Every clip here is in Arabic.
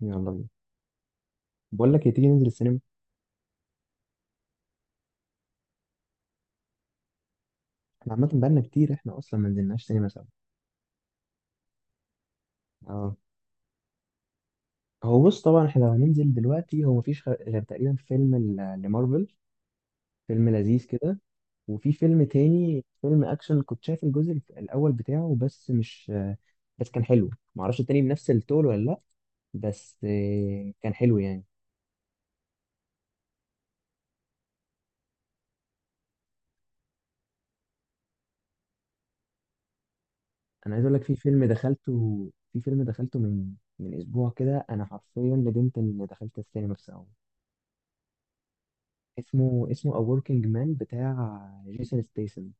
يلا بينا. بقول لك إيه، تيجي ننزل السينما؟ احنا عامة بقالنا كتير، احنا اصلا ما نزلناش سينما سوا. اه. هو بص طبعا احنا لو هننزل دلوقتي هو مفيش غير تقريبا فيلم لمارفل، فيلم لذيذ كده. وفي فيلم تاني، فيلم اكشن كنت شايف الجزء الاول بتاعه، بس مش بس كان حلو، معرفش التاني بنفس التول ولا لا، بس كان حلو يعني. انا عايز اقول لك في فيلم دخلته من اسبوع كده، انا حرفيا ندمت ان دخلت السينما. بس اسمه A Working Man بتاع جيسون ستيسن.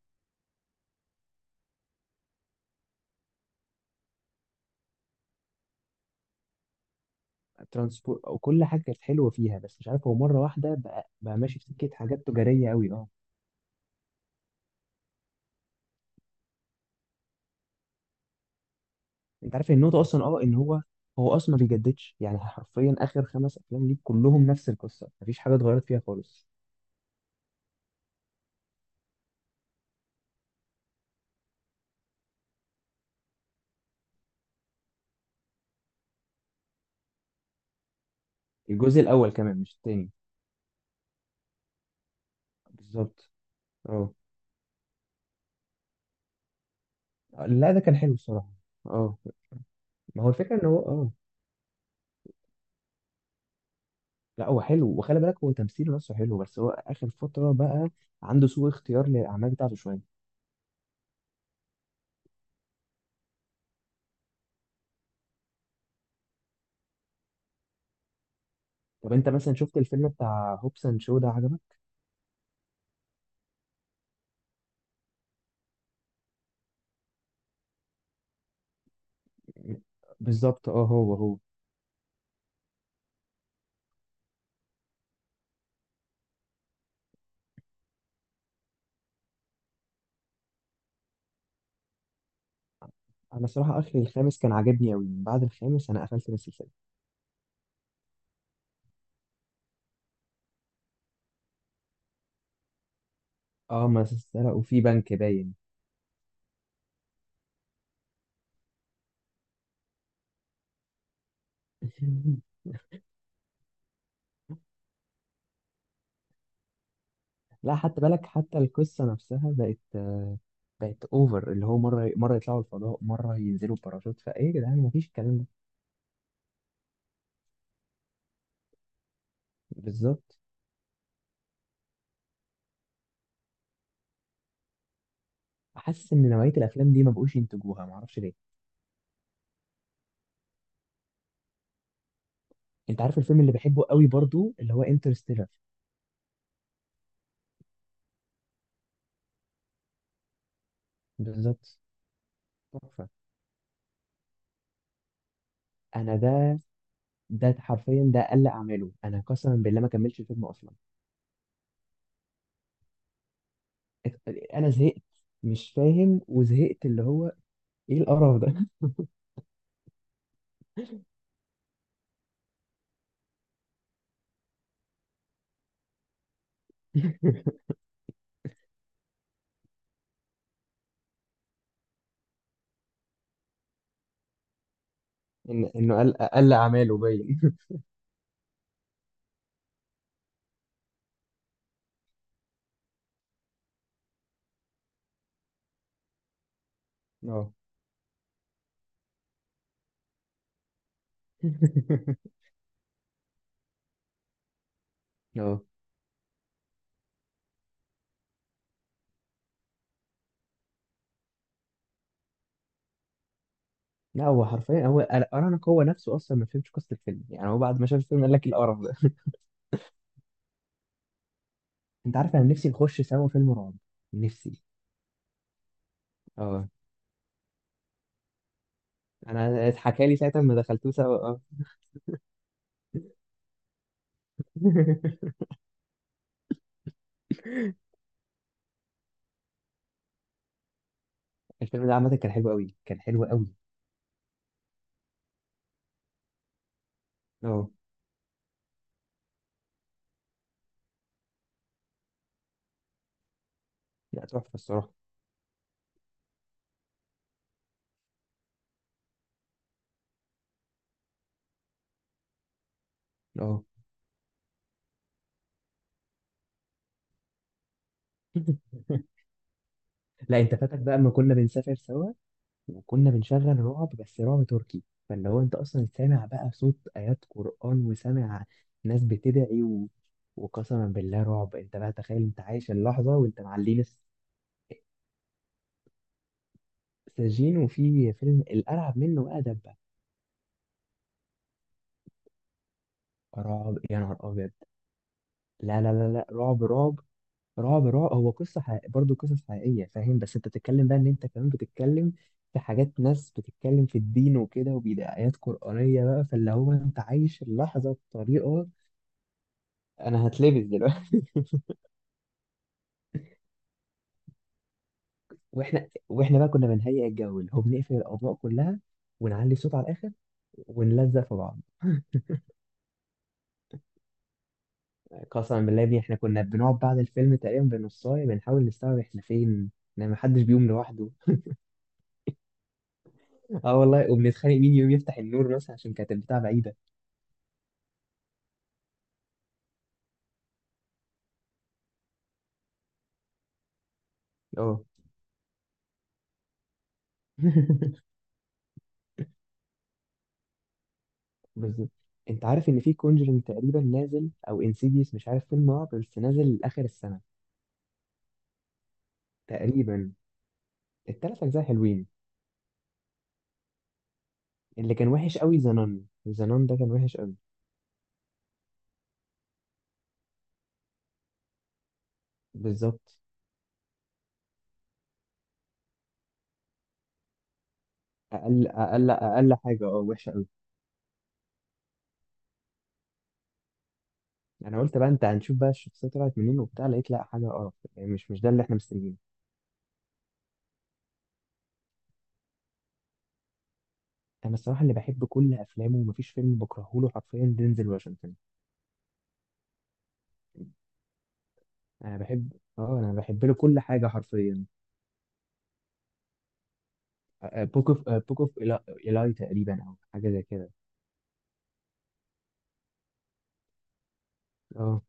ترانسبورت وكل حاجه كانت حلوه فيها، بس مش عارف هو مره واحده بقى ماشي في سكه حاجات تجاريه قوي. اه. انت عارف النقطه اصلا ان هو اصلا ما بيجددش يعني. حرفيا اخر 5 افلام ليه كلهم نفس القصه، مفيش حاجه اتغيرت فيها خالص. الجزء الاول كمان مش التاني. بالظبط. اه. لا ده كان حلو الصراحه. اه. ما هو الفكره ان هو لا هو حلو، وخلي بالك هو تمثيله نفسه حلو، بس هو اخر فتره بقى عنده سوء اختيار للاعمال بتاعته شويه. طب انت مثلا شفت الفيلم بتاع هوبس اند شو ده؟ عجبك؟ بالظبط. اه. هو. انا صراحه اخر الخامس كان عاجبني قوي، بعد الخامس انا قفلت من السلسله. اه. ما سرقوا في بنك باين. لا حتى بالك، حتى القصه نفسها بقت اوفر، اللي هو مره مره يطلعوا الفضاء، مره ينزلوا باراشوت، فايه يا جدعان مفيش الكلام ده. بالظبط. حاسس ان نوعيه الافلام دي ما بقوش ينتجوها، ما اعرفش ليه. انت عارف الفيلم اللي بحبه قوي برضو اللي هو انترستيلر؟ بالظبط. تحفه. انا ده حرفيا ده اقل اعماله. انا قسما بالله ما كملتش الفيلم اصلا. انا زهقت، مش فاهم وزهقت، اللي هو ايه القرف ده. إن انه اقل اعماله باين. اه. اه. لا هو حرفيا هو ارانك، هو نفسه اصلا ما فهمش قصه الفيلم، يعني هو بعد ما شاف الفيلم قال لك إيه القرف ده. انت عارف انا نفسي نخش سوا فيلم رعب. نفسي. اه. انا اتحكى لي ساعتها ما دخلتوه سوا. اه. الفيلم ده عامه كان حلو قوي، كان حلو قوي. اه. لا تحفه الصراحه. اه. لا انت فاتك بقى اما كنا بنسافر سوا، وكنا بنشغل رعب، بس رعب تركي، فاللي هو انت اصلا سامع بقى صوت ايات قرآن، وسامع ناس بتدعي وقسما بالله رعب، انت بقى تخيل انت عايش اللحظة، وانت معلين السجين. وفي فيلم الارعب منه بقى دبة. رعب يا نهار ابيض. لا لا لا لا، رعب رعب، رعب رعب. هو قصة برضه قصص حقيقية، فاهم؟ بس انت بتتكلم بقى، ان انت كمان بتتكلم في حاجات ناس بتتكلم في الدين وكده، وبيدي آيات قرآنية بقى، فاللي هو انت عايش اللحظة بطريقة. انا هتلبس دلوقتي. واحنا بقى كنا بنهيئ الجو، اللي هو بنقفل الأضواء كلها، ونعلي الصوت على الآخر، ونلزق في بعض. قسما بالله يا ابني، احنا كنا بنقعد بعد الفيلم تقريبا بنصاية، بنحاول نستوعب احنا فين، ان محدش بيقوم لوحده. اه والله، وبنتخانق مين يقوم يفتح النور مثلا عشان كانت البتاع بعيدة. اه. بالظبط. انت عارف ان في كونجرينج تقريبا نازل، او انسيديوس، مش عارف، فيلم رعب بس نازل لاخر السنه. تقريبا 3 اجزاء حلوين. اللي كان وحش قوي زنان زنان ده، كان وحش قوي. بالظبط. اقل اقل اقل حاجه وحشه قوي. انا قلت بقى انت هنشوف بقى الشخصيه طلعت منين وبتاع، لقيت لا حاجه قرف يعني، مش ده اللي احنا مستنيينه. انا الصراحه اللي بحب كل افلامه ومفيش فيلم بكرهه له حرفيا دينزل واشنطن. انا بحب اه انا بحب له كل حاجه حرفيا. بوك اوف إيلاي تقريبا، او حاجه زي كده. اه.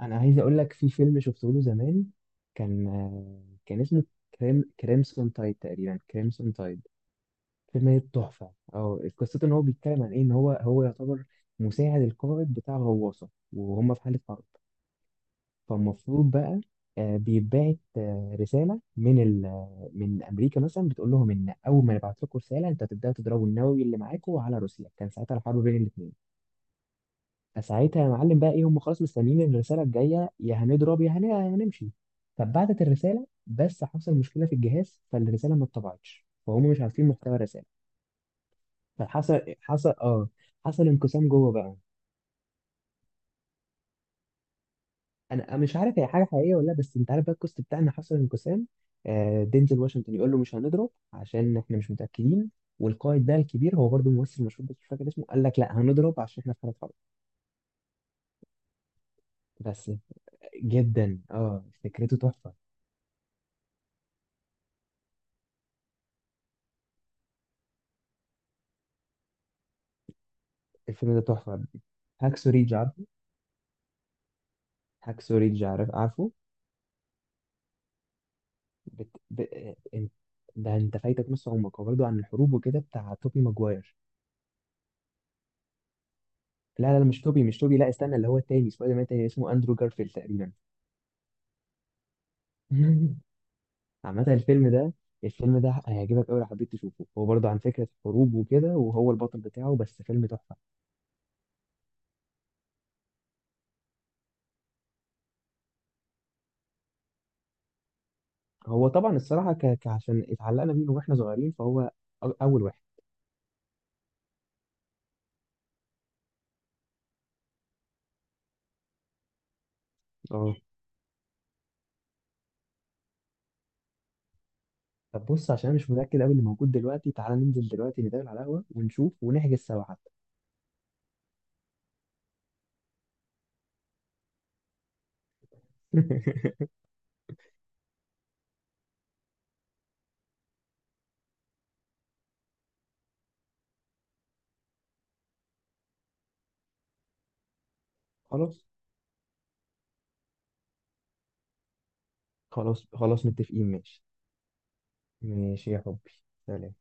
انا عايز اقول لك في فيلم شفته له زمان، كان اسمه كريمسون تايد تقريبا، كريمسون تايد. فيلم تحفه. اه. قصته ان هو بيتكلم عن ايه، ان هو يعتبر مساعد القائد بتاع غواصه، وهم في حاله حرب. فالمفروض بقى بيتبعت رساله من ال آه، من امريكا مثلا، بتقول لهم ان اول ما نبعت لكم رساله، انت هتبداوا تضربوا النووي اللي معاكم على روسيا، كان ساعتها الحرب بين الاثنين. فساعتها يا معلم بقى ايه، هم خلاص مستنيين إن الرساله الجايه يا هنضرب، يا هنمشي. فبعتت الرساله، بس حصل مشكله في الجهاز، فالرساله ما اتطبعتش، فهم مش عارفين محتوى الرساله. فحصل حصل اه حصل انقسام جوه بقى. انا مش عارف هي حاجه حقيقيه ولا لا، بس انت عارف بقى الكوست بتاعنا حصل انقسام. دينزل واشنطن يقول له مش هنضرب عشان احنا مش متاكدين، والقائد بقى الكبير هو برضه ممثل مشهور بس مش فاكر اسمه، قال لك لا هنضرب عشان احنا في حاله حرب. بس جدا، اه، فكرته تحفه. الفيلم ده تحفة. هاكسو ريدج، عارفه؟ هاكسو ريدج، عارف؟ عارفه؟ بت... ب... انت- ده انت فايتك نص عمرك، هو برضه عن الحروب وكده بتاع توبي ماجواير. لا لا لا، مش توبي، مش توبي، لا استنى، اللي هو التاني سبايدر مان التاني اسمه اندرو جارفيلد تقريبا. عامة الفيلم ده هيعجبك أوي لو حبيت تشوفه، هو برضه عن فكرة حروب وكده، وهو البطل بتاعه، بس فيلم تحفة. هو طبعا الصراحة عشان اتعلقنا بيه من واحنا صغيرين فهو أول واحد. اه. طب بص، عشان انا مش متاكد قوي اللي موجود دلوقتي، تعالى ننزل دلوقتي، نتقابل على القهوه ونشوف ونحجز سوا حتى. خلاص، خلاص، خلاص، متفقين. ماشي. ماشي يا حبي. سلام.